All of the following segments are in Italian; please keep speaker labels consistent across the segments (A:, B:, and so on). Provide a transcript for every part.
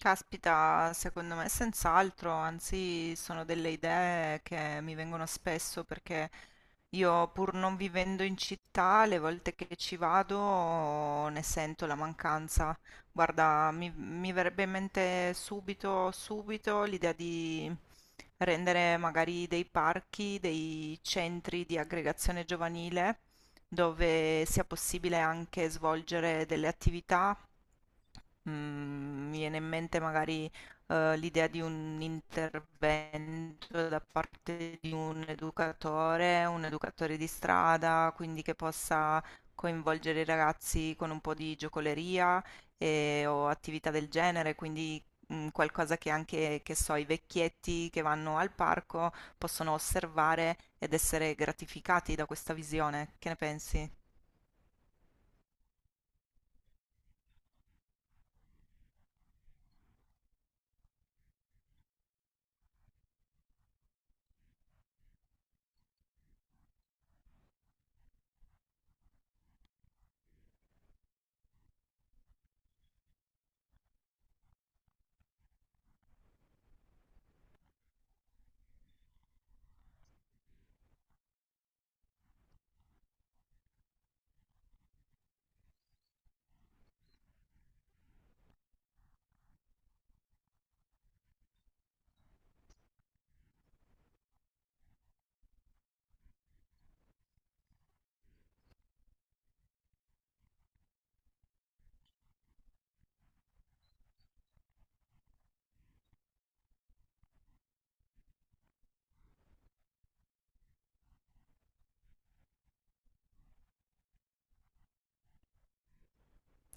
A: Caspita, secondo me senz'altro, anzi sono delle idee che mi vengono spesso perché io pur non vivendo in città, le volte che ci vado ne sento la mancanza. Guarda, mi verrebbe in mente subito l'idea di rendere magari dei parchi, dei centri di aggregazione giovanile dove sia possibile anche svolgere delle attività. Mi viene in mente magari l'idea di un intervento da parte di un educatore di strada, quindi che possa coinvolgere i ragazzi con un po' di giocoleria o attività del genere, quindi qualcosa che anche, che so, i vecchietti che vanno al parco possono osservare ed essere gratificati da questa visione. Che ne pensi?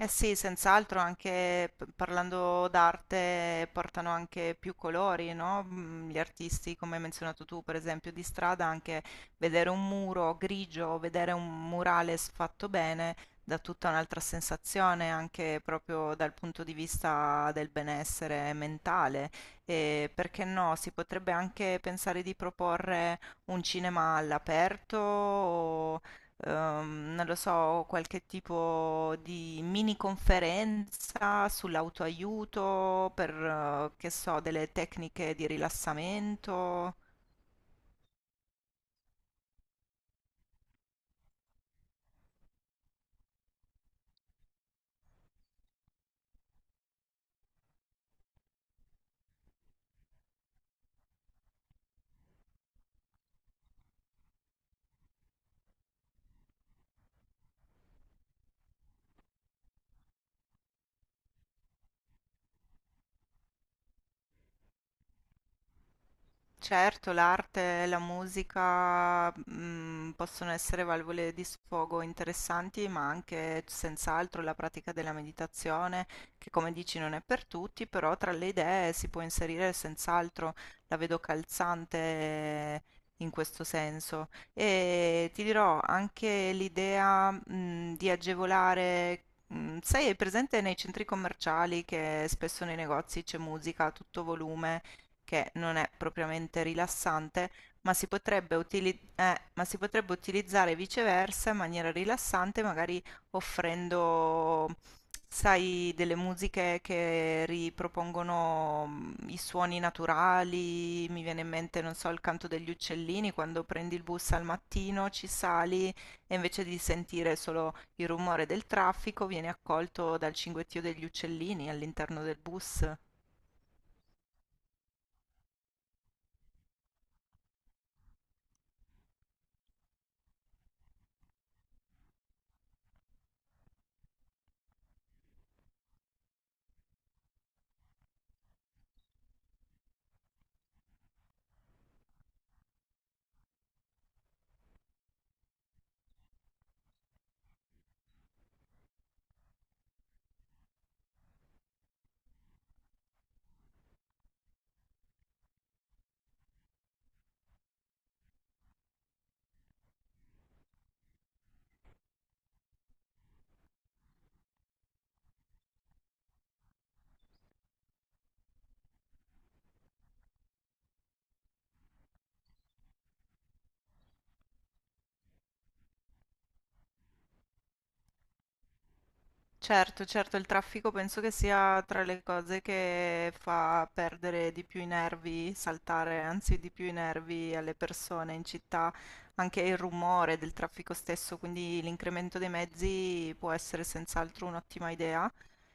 A: Eh sì, senz'altro anche parlando d'arte portano anche più colori, no? Mm. Gli artisti, come hai menzionato tu, per esempio, di strada, anche vedere un muro grigio o vedere un murale fatto bene dà tutta un'altra sensazione, anche proprio dal punto di vista del benessere mentale. E perché no? Si potrebbe anche pensare di proporre un cinema all'aperto, non lo so, qualche tipo di mini conferenza sull'autoaiuto per, che so, delle tecniche di rilassamento. Certo, l'arte e la musica, possono essere valvole di sfogo interessanti, ma anche senz'altro la pratica della meditazione, che come dici non è per tutti, però tra le idee si può inserire senz'altro, la vedo calzante in questo senso. E ti dirò anche l'idea, di agevolare, sai, è presente nei centri commerciali che spesso nei negozi c'è musica a tutto volume che non è propriamente rilassante, ma si potrebbe ma si potrebbe utilizzare viceversa in maniera rilassante, magari offrendo, sai, delle musiche che ripropongono i suoni naturali. Mi viene in mente, non so, il canto degli uccellini, quando prendi il bus al mattino, ci sali e invece di sentire solo il rumore del traffico, vieni accolto dal cinguettio degli uccellini all'interno del bus. Certo, certo, il traffico penso che sia tra le cose che fa perdere di più i nervi, saltare anzi di più i nervi alle persone in città, anche il rumore del traffico stesso, quindi l'incremento dei mezzi può essere senz'altro un'ottima idea.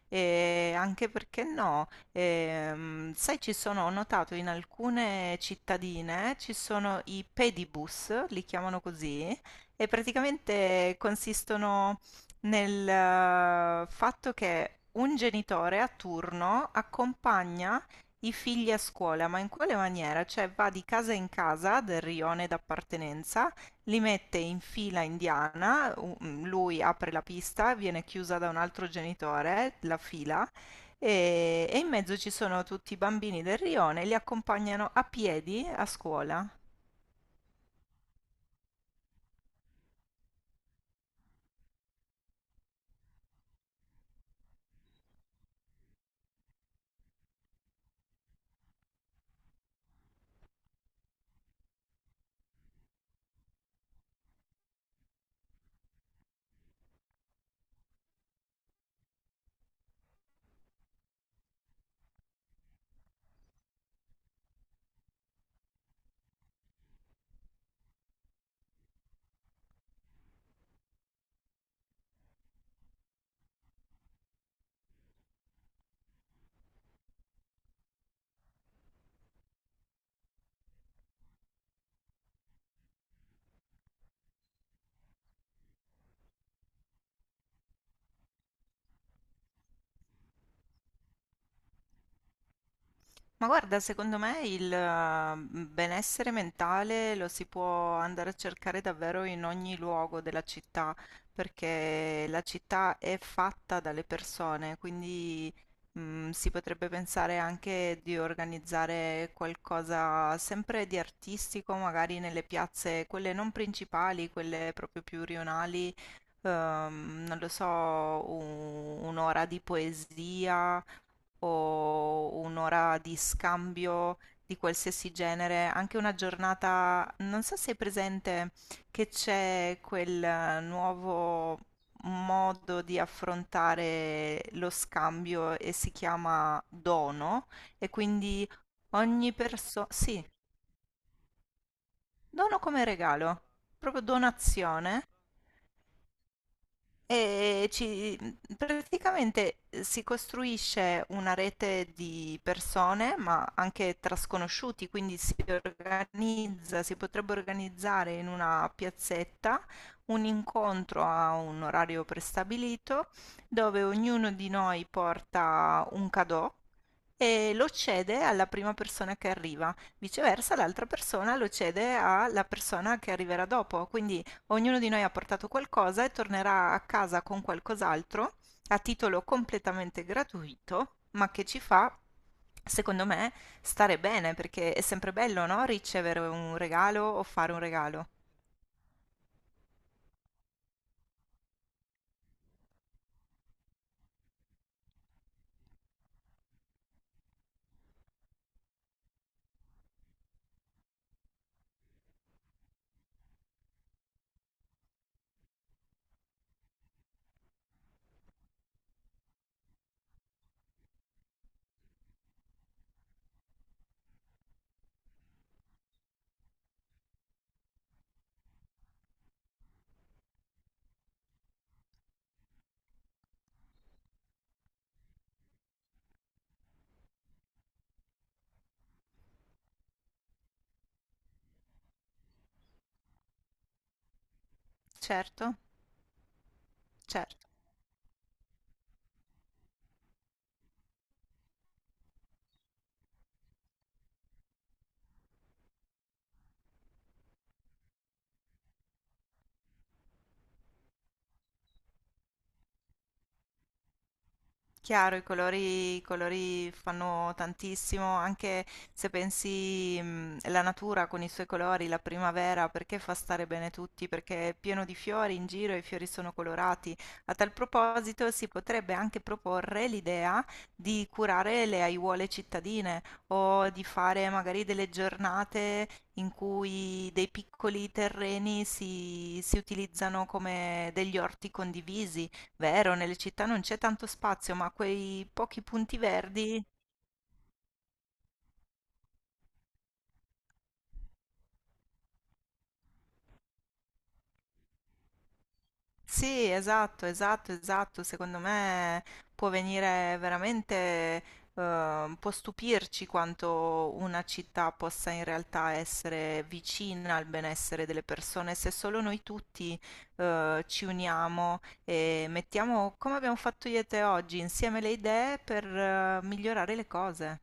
A: E anche perché no, sai, ci sono, ho notato in alcune cittadine ci sono i pedibus, li chiamano così, e praticamente consistono nel fatto che un genitore a turno accompagna i figli a scuola, ma in quale maniera? Cioè va di casa in casa del rione d'appartenenza, li mette in fila indiana, lui apre la pista, viene chiusa da un altro genitore, la fila, e in mezzo ci sono tutti i bambini del rione, li accompagnano a piedi a scuola. Ma guarda, secondo me il benessere mentale lo si può andare a cercare davvero in ogni luogo della città, perché la città è fatta dalle persone, quindi si potrebbe pensare anche di organizzare qualcosa sempre di artistico, magari nelle piazze, quelle non principali, quelle proprio più rionali, non lo so, un'ora di poesia o un'ora di scambio di qualsiasi genere, anche una giornata, non so se è presente che c'è quel nuovo modo di affrontare lo scambio e si chiama dono, e quindi ogni persona, sì, dono come regalo, proprio donazione. E ci, praticamente si costruisce una rete di persone, ma anche tra sconosciuti, quindi si organizza, si potrebbe organizzare in una piazzetta un incontro a un orario prestabilito dove ognuno di noi porta un cadeau e lo cede alla prima persona che arriva. Viceversa, l'altra persona lo cede alla persona che arriverà dopo. Quindi ognuno di noi ha portato qualcosa e tornerà a casa con qualcos'altro a titolo completamente gratuito, ma che ci fa, secondo me, stare bene, perché è sempre bello, no? Ricevere un regalo o fare un regalo. Certo, certo. Chiaro, i colori fanno tantissimo, anche se pensi la natura con i suoi colori, la primavera, perché fa stare bene tutti, perché è pieno di fiori in giro e i fiori sono colorati. A tal proposito si potrebbe anche proporre l'idea di curare le aiuole cittadine o di fare magari delle giornate in cui dei piccoli terreni si utilizzano come degli orti condivisi. Vero, nelle città non c'è tanto spazio, ma quei pochi punti verdi. Sì, esatto, esatto, esatto. Secondo me può venire veramente, può stupirci quanto una città possa in realtà essere vicina al benessere delle persone se solo noi tutti, ci uniamo e mettiamo, come abbiamo fatto io e te oggi, insieme le idee per, migliorare le cose.